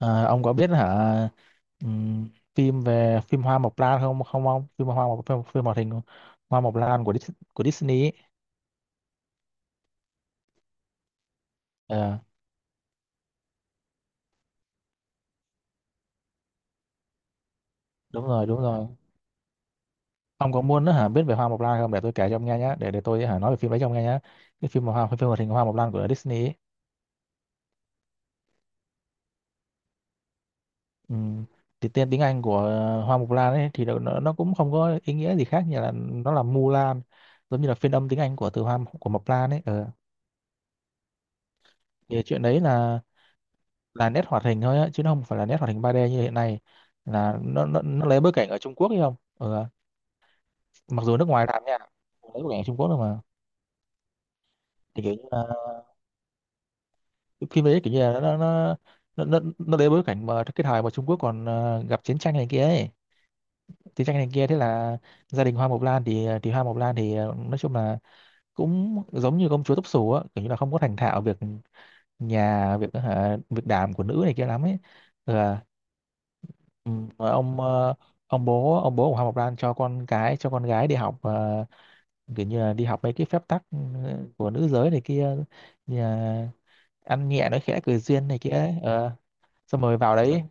À, ông có biết hả? ừm, phim Hoa Mộc Lan không không ông phim, hoạt hình Hoa Mộc Lan của của Disney ấy. Ờ, đúng rồi, đúng rồi, ông có muốn hả biết về Hoa Mộc Lan không? Để tôi kể cho ông nghe nhé, để tôi hả nói về phim đấy cho ông nghe nhé. Cái phim mà phim hoạt hình Hoa Mộc Lan của Disney ấy. Ừm, thì tên tiếng Anh của Hoa Mộc Lan ấy thì nó cũng không có ý nghĩa gì khác, như là nó là Mulan, giống như là phiên âm tiếng Anh của từ Hoa của Mộc Lan ấy. Ờ, thì chuyện đấy là nét hoạt hình thôi á, chứ nó không phải là nét hoạt hình 3D như hiện nay. Là nó lấy bối cảnh ở Trung Quốc ấy, không, ừ. Mặc dù nước ngoài làm nha, lấy bối cảnh ở Trung Quốc thôi mà. Thì kiểu như là cái phim đấy kiểu như là nó lấy bối cảnh mà cái thời mà Trung Quốc còn gặp chiến tranh này kia ấy, chiến tranh này kia. Thế là gia đình Hoa Mộc Lan thì Hoa Mộc Lan thì nói chung là cũng giống như công chúa tóc xù á, kiểu như là không có thành thạo việc nhà, việc đảm của nữ này kia lắm ấy. Ừ. Ừ, rồi ông ông bố của Hoàng Ngọc Lan cho con cái cho con gái đi học, kiểu như là đi học mấy cái phép tắc, của nữ giới này kia, như là ăn nhẹ nói khẽ cười duyên này kia ấy. Ờ, xong rồi vào đấy,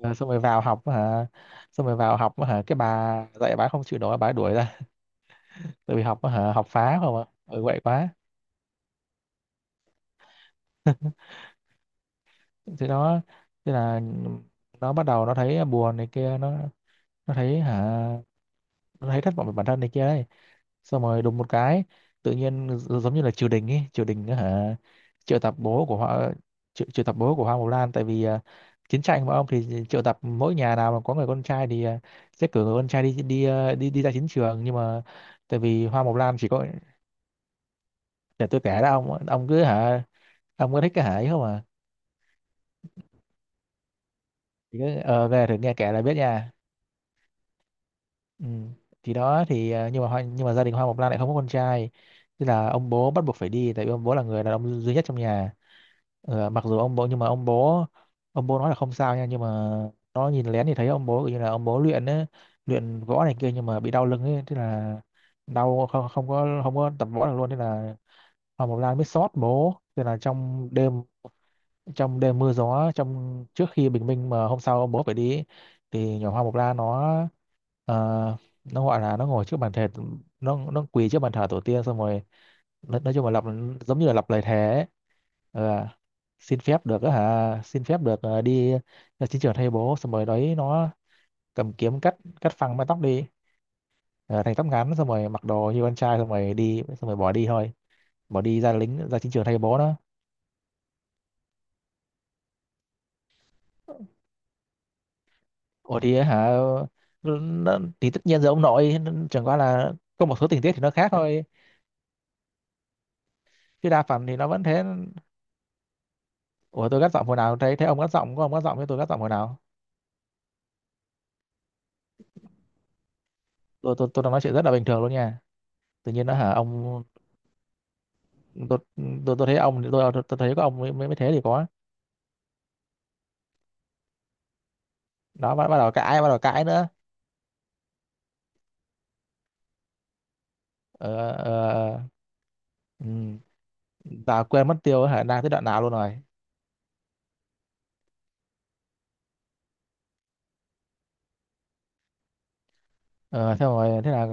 ờ, xong rồi vào học hả, xong rồi vào học hả, cái bà dạy bà không chịu nổi bà đuổi ra, tại vì học hả học phá không ạ, quậy quá. thế nó thế là nó bắt đầu nó thấy buồn này kia, nó thấy hả nó thấy thất vọng về bản thân này kia ấy. Xong rồi đùng một cái, tự nhiên giống như là triều đình ấy, triều đình á hả, triệu tập bố của họ, triệu tập bố của Hoa Mộc Lan. Tại vì chiến tranh mà, ông thì triệu tập mỗi nhà nào mà có người con trai thì sẽ cử người con trai đi đi đi đi ra chiến trường, nhưng mà tại vì Hoa Mộc Lan chỉ có, để tôi kể đó ông cứ hả, ông cứ thích cái hả ấy không, à chỉ cứ về thử nghe kể là biết nha. Ừ. Thì đó thì nhưng mà gia đình Hoa Mộc Lan lại không có con trai, thế là ông bố bắt buộc phải đi, tại vì ông bố là người đàn ông duy nhất trong nhà. Ờ, mặc dù ông bố, nhưng mà ông bố nói là không sao nha, nhưng mà nó nhìn lén thì thấy ông bố kiểu như là ông bố luyện á, luyện võ này kia nhưng mà bị đau lưng ấy, thế là đau không không có tập võ được luôn. Thế là Hoa Mộc Lan mới xót bố, thế là trong đêm, trong đêm mưa gió, trong trước khi bình minh mà hôm sau bố phải đi ấy, thì nhỏ Hoa Mộc La nó ờ, nó gọi là nó ngồi trước bàn thờ, nó quỳ trước bàn thờ tổ tiên, xong rồi nói chung là lặp, giống như là lặp lời thề ấy. Ờ, xin phép được á hả, xin phép được đi ra chiến trường thay bố, xong rồi đấy nó cầm kiếm cắt cắt phăng mái tóc đi, ờ, thành tóc ngắn, xong rồi mặc đồ như con trai, xong rồi đi, xong rồi bỏ đi thôi, bỏ đi ra lính ra chiến trường thay bố đó. Ủa thì hả thì tất nhiên giờ ông nội, chẳng qua là có một số tình tiết thì nó khác thôi, chứ đa phần thì nó vẫn thế. Ủa tôi gắt giọng hồi nào, thấy thấy ông gắt giọng, có ông gắt giọng với tôi, gắt giọng hồi nào. Tôi đang nói chuyện rất là bình thường luôn nha, tự nhiên nó hả ông. Tôi tôi thấy ông, thấy có ông mới, mới mới thế thì có. Đó bắt đầu cãi, bắt đầu cãi nữa. ờ, ờ, ừ, tao quên mất tiêu hả, đang tới đoạn nào luôn rồi. Ờ, thế rồi thế là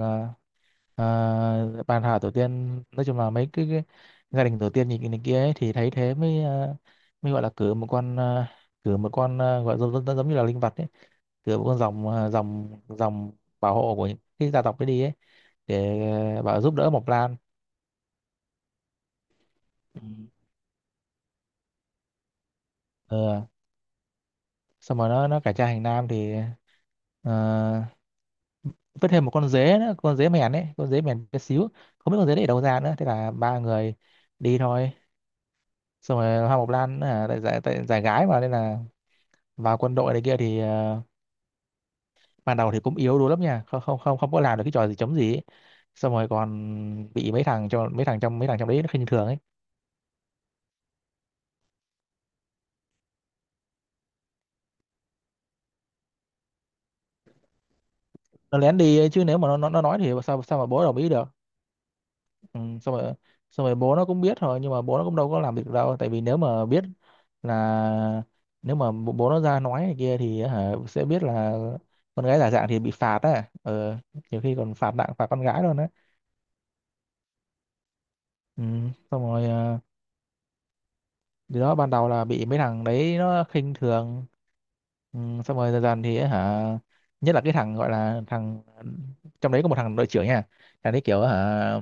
bàn thảo tổ tiên nói chung là cái gia đình tổ tiên nhìn này kia ấy, thì thấy thế mới mới gọi là cử một con, cử một con, gọi giống như là linh vật ấy, cử một con dòng, à, dòng dòng bảo hộ của những cái gia tộc ấy đi ấy, để bảo giúp đỡ Mộc Lan. Ừ. Ờ, xong rồi nó cải trang thành nam thì à, vứt thêm một con dế nữa, con dế mèn ấy, con dế mèn bé xíu, không biết con dế đấy ở đâu ra nữa. Thế là ba người đi thôi. Xong rồi Hoa Mộc Lan tại giải gái mà nên là vào quân đội này kia, thì ban đầu thì cũng yếu đuối lắm nha, không không không không có làm được cái trò gì chống gì ấy. Xong rồi còn bị mấy thằng, cho mấy thằng trong đấy nó khinh thường ấy. Nó lén đi ấy, chứ nếu mà nó nói thì sao sao mà bố đồng ý được. ừ, xong rồi xong rồi bố nó cũng biết rồi, nhưng mà bố nó cũng đâu có làm việc đâu, tại vì nếu mà biết là, nếu mà bố bố nó ra nói này kia thì hả sẽ biết là con gái giả dạng thì bị phạt á. Ờ, nhiều khi còn phạt nặng, phạt con gái luôn á. ừ, xong rồi thì đó ban đầu là bị mấy thằng đấy nó khinh thường. ừ, xong rồi dần dần thì ấy hả, nhất là cái thằng gọi là trong đấy có một thằng đội trưởng nha, thằng đấy kiểu hả,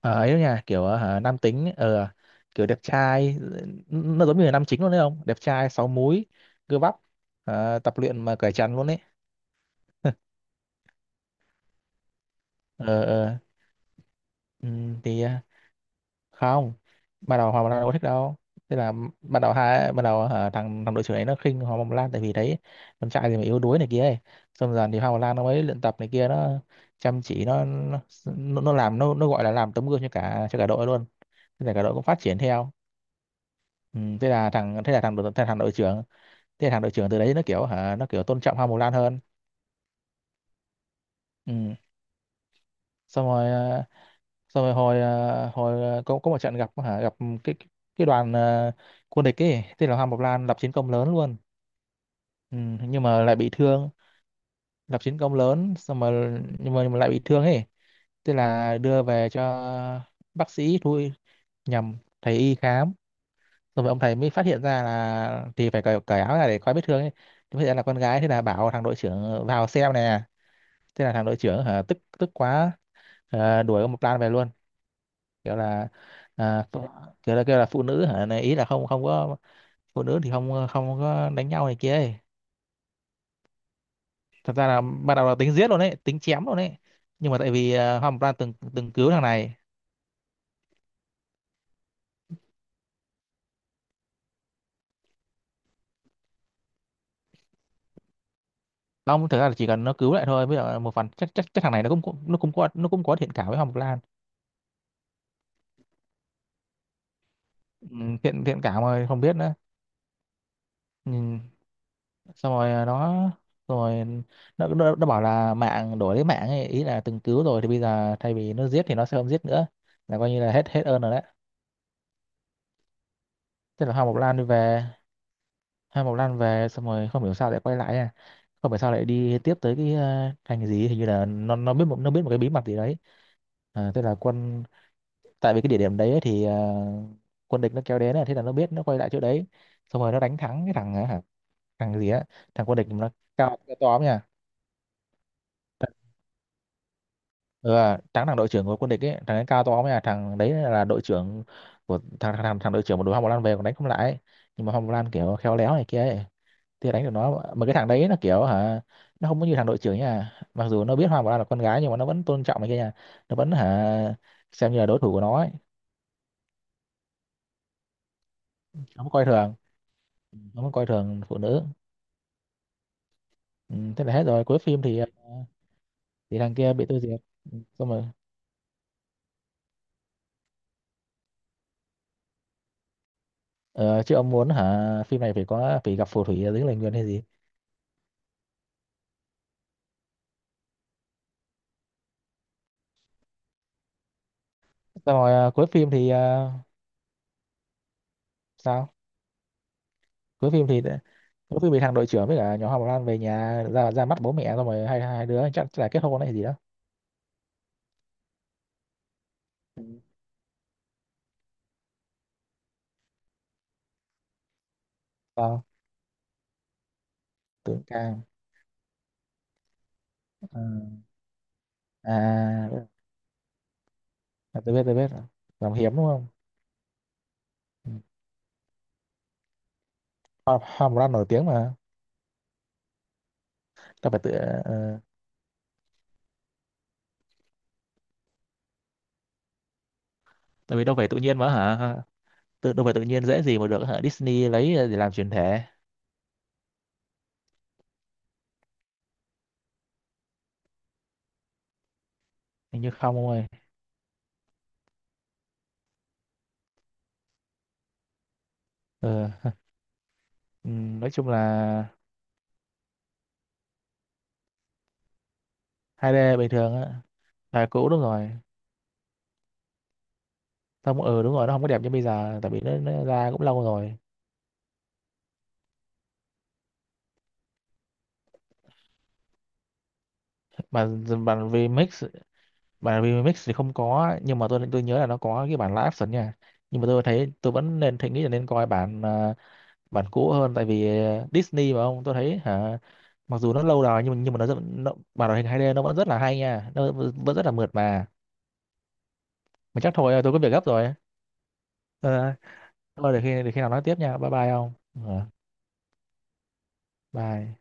ờ, ấy đó nha, kiểu hả nam tính, kiểu đẹp trai, nó giống như là nam chính luôn đấy, không đẹp trai sáu múi, cơ bắp, tập luyện mà cởi trần luôn đấy. ờ ờ ừ, thì không, ban đầu Hoàng Mông Lan đâu có thích đâu. Thế là ban đầu hả, thằng thằng đội trưởng ấy nó khinh Hoàng Mông Lan, tại vì thấy con trai thì mà yếu đuối này kia ấy. Xong dần thì Hoàng Mông Lan nó mới luyện tập này kia, nó chăm chỉ, nó làm, nó gọi là làm tấm gương cho cả, đội luôn. Thế là cả đội cũng phát triển theo. Ừ, thế là thằng đội thế là thằng đội trưởng thế là thằng đội trưởng từ đấy nó kiểu hả, nó kiểu tôn trọng Hoàng Mông Lan hơn. Ừ. Xong rồi xong rồi có một trận gặp hả, gặp cái cái cái đoàn quân địch ấy, tên là Hoàng Bộc Lan lập chiến công lớn luôn, ừ, nhưng mà lại bị thương, lập chiến công lớn xong rồi nhưng mà lại bị thương ấy, tức là đưa về cho bác sĩ thôi, nhầm thầy y khám. Xong rồi ông thầy mới phát hiện ra là thì phải cởi áo ra để coi vết thương ấy, thì phát hiện là con gái, thế là bảo thằng đội trưởng vào xem nè. Thế là thằng đội trưởng hả tức tức quá, đuổi ông Mộc Lan về luôn, kiểu là à, phụ- kiểu là kêu là phụ nữ hả này, ý là không, không có phụ nữ thì không không có đánh nhau này kia ấy. Thật ra là ban đầu là tính giết luôn đấy, tính chém luôn đấy, nhưng mà tại vì Hoa Mộc từng từng cứu thằng này. Long thực ra là chỉ cần nó cứu lại thôi, với lại một phần chắc, chắc chắc thằng này nó cũng, nó cũng có thiện cảm với Hoa Mộc. ừ, thiện thiện cảm mà không biết nữa. ừ, xong rồi nó rồi, nó bảo là mạng đổi lấy mạng ấy, ý là từng cứu rồi thì bây giờ thay vì nó giết thì nó sẽ không giết nữa, là coi như là hết hết ơn rồi đấy. Thế là Hoa Mộc Lan đi về. Hoa Mộc Lan về xong rồi không hiểu sao lại quay lại, à không hiểu sao lại đi tiếp tới cái thành gì, hình như là nó biết một cái bí mật gì đấy. À, thế là quân tại vì cái địa điểm đấy ấy thì quân địch nó kéo đến này, thế là nó biết nó quay lại chỗ đấy, xong rồi nó đánh thắng cái thằng hả, thằng gì á, thằng quân địch nó cao cao to lắm nha. Ừ, thắng thằng đội trưởng của quân địch ấy, thằng ấy cao to lắm nha, thằng đấy là đội trưởng của thằng đội trưởng của đội Hoa Mộc Lan về còn đánh không lại ấy. Nhưng mà Hoa Mộc Lan kiểu khéo léo này kia ấy thì đánh được nó, mà cái thằng đấy là kiểu hả, nó không có như thằng đội trưởng nha, mặc dù nó biết Hoa Bảo là con gái nhưng mà nó vẫn tôn trọng này kia nha, nó vẫn hả xem như là đối thủ của nó ấy. Nó không coi thường, nó không coi thường phụ nữ. Ừ, thế là hết rồi, cuối phim thì thì thằng kia bị tiêu diệt. Ừ, xong rồi ờ, chứ ông muốn hả phim này phải có, phải gặp phù thủy ở dưới lời nguyền hay gì. Xong rồi sao cuối phim thì, thằng đội trưởng với cả nhỏ Hoa Bảo Lan về nhà ra ra mắt bố mẹ, xong rồi hai hai đứa chắc là kết hôn hay gì đó. Ừ. sao tưởng ca à, à, à tôi biết rồi. Làm hiếm đúng không? Ừ. Hoa, hoa màu lan nổi tiếng mà. Đâu phải tự ờ, tại vì đâu phải tự nhiên mà hả, đâu phải tự nhiên dễ gì mà được hả Disney lấy để làm chuyển thể. Hình như không ông ơi. Ừ. ừ, nói chung là 2D bình thường á, thời cũ đúng rồi. Không, đúng rồi, nó không có đẹp như bây giờ, tại vì nó ra cũng lâu rồi. Mà bản remix, bản remix thì không có, nhưng mà tôi nhớ là nó có cái bản live action nha, nhưng mà tôi thấy, tôi vẫn nên thấy nghĩ là nên coi bản bản cũ hơn, tại vì Disney mà ông, tôi thấy hả, mặc dù nó lâu rồi, nhưng mà nó bản hoạt hình 2D nó vẫn rất là hay nha, nó vẫn vẫn rất là mượt mà. Mà chắc thôi tôi có việc gấp rồi. Ờ, thôi để khi nào nói tiếp nha, bye bye ông. Ờ, bye.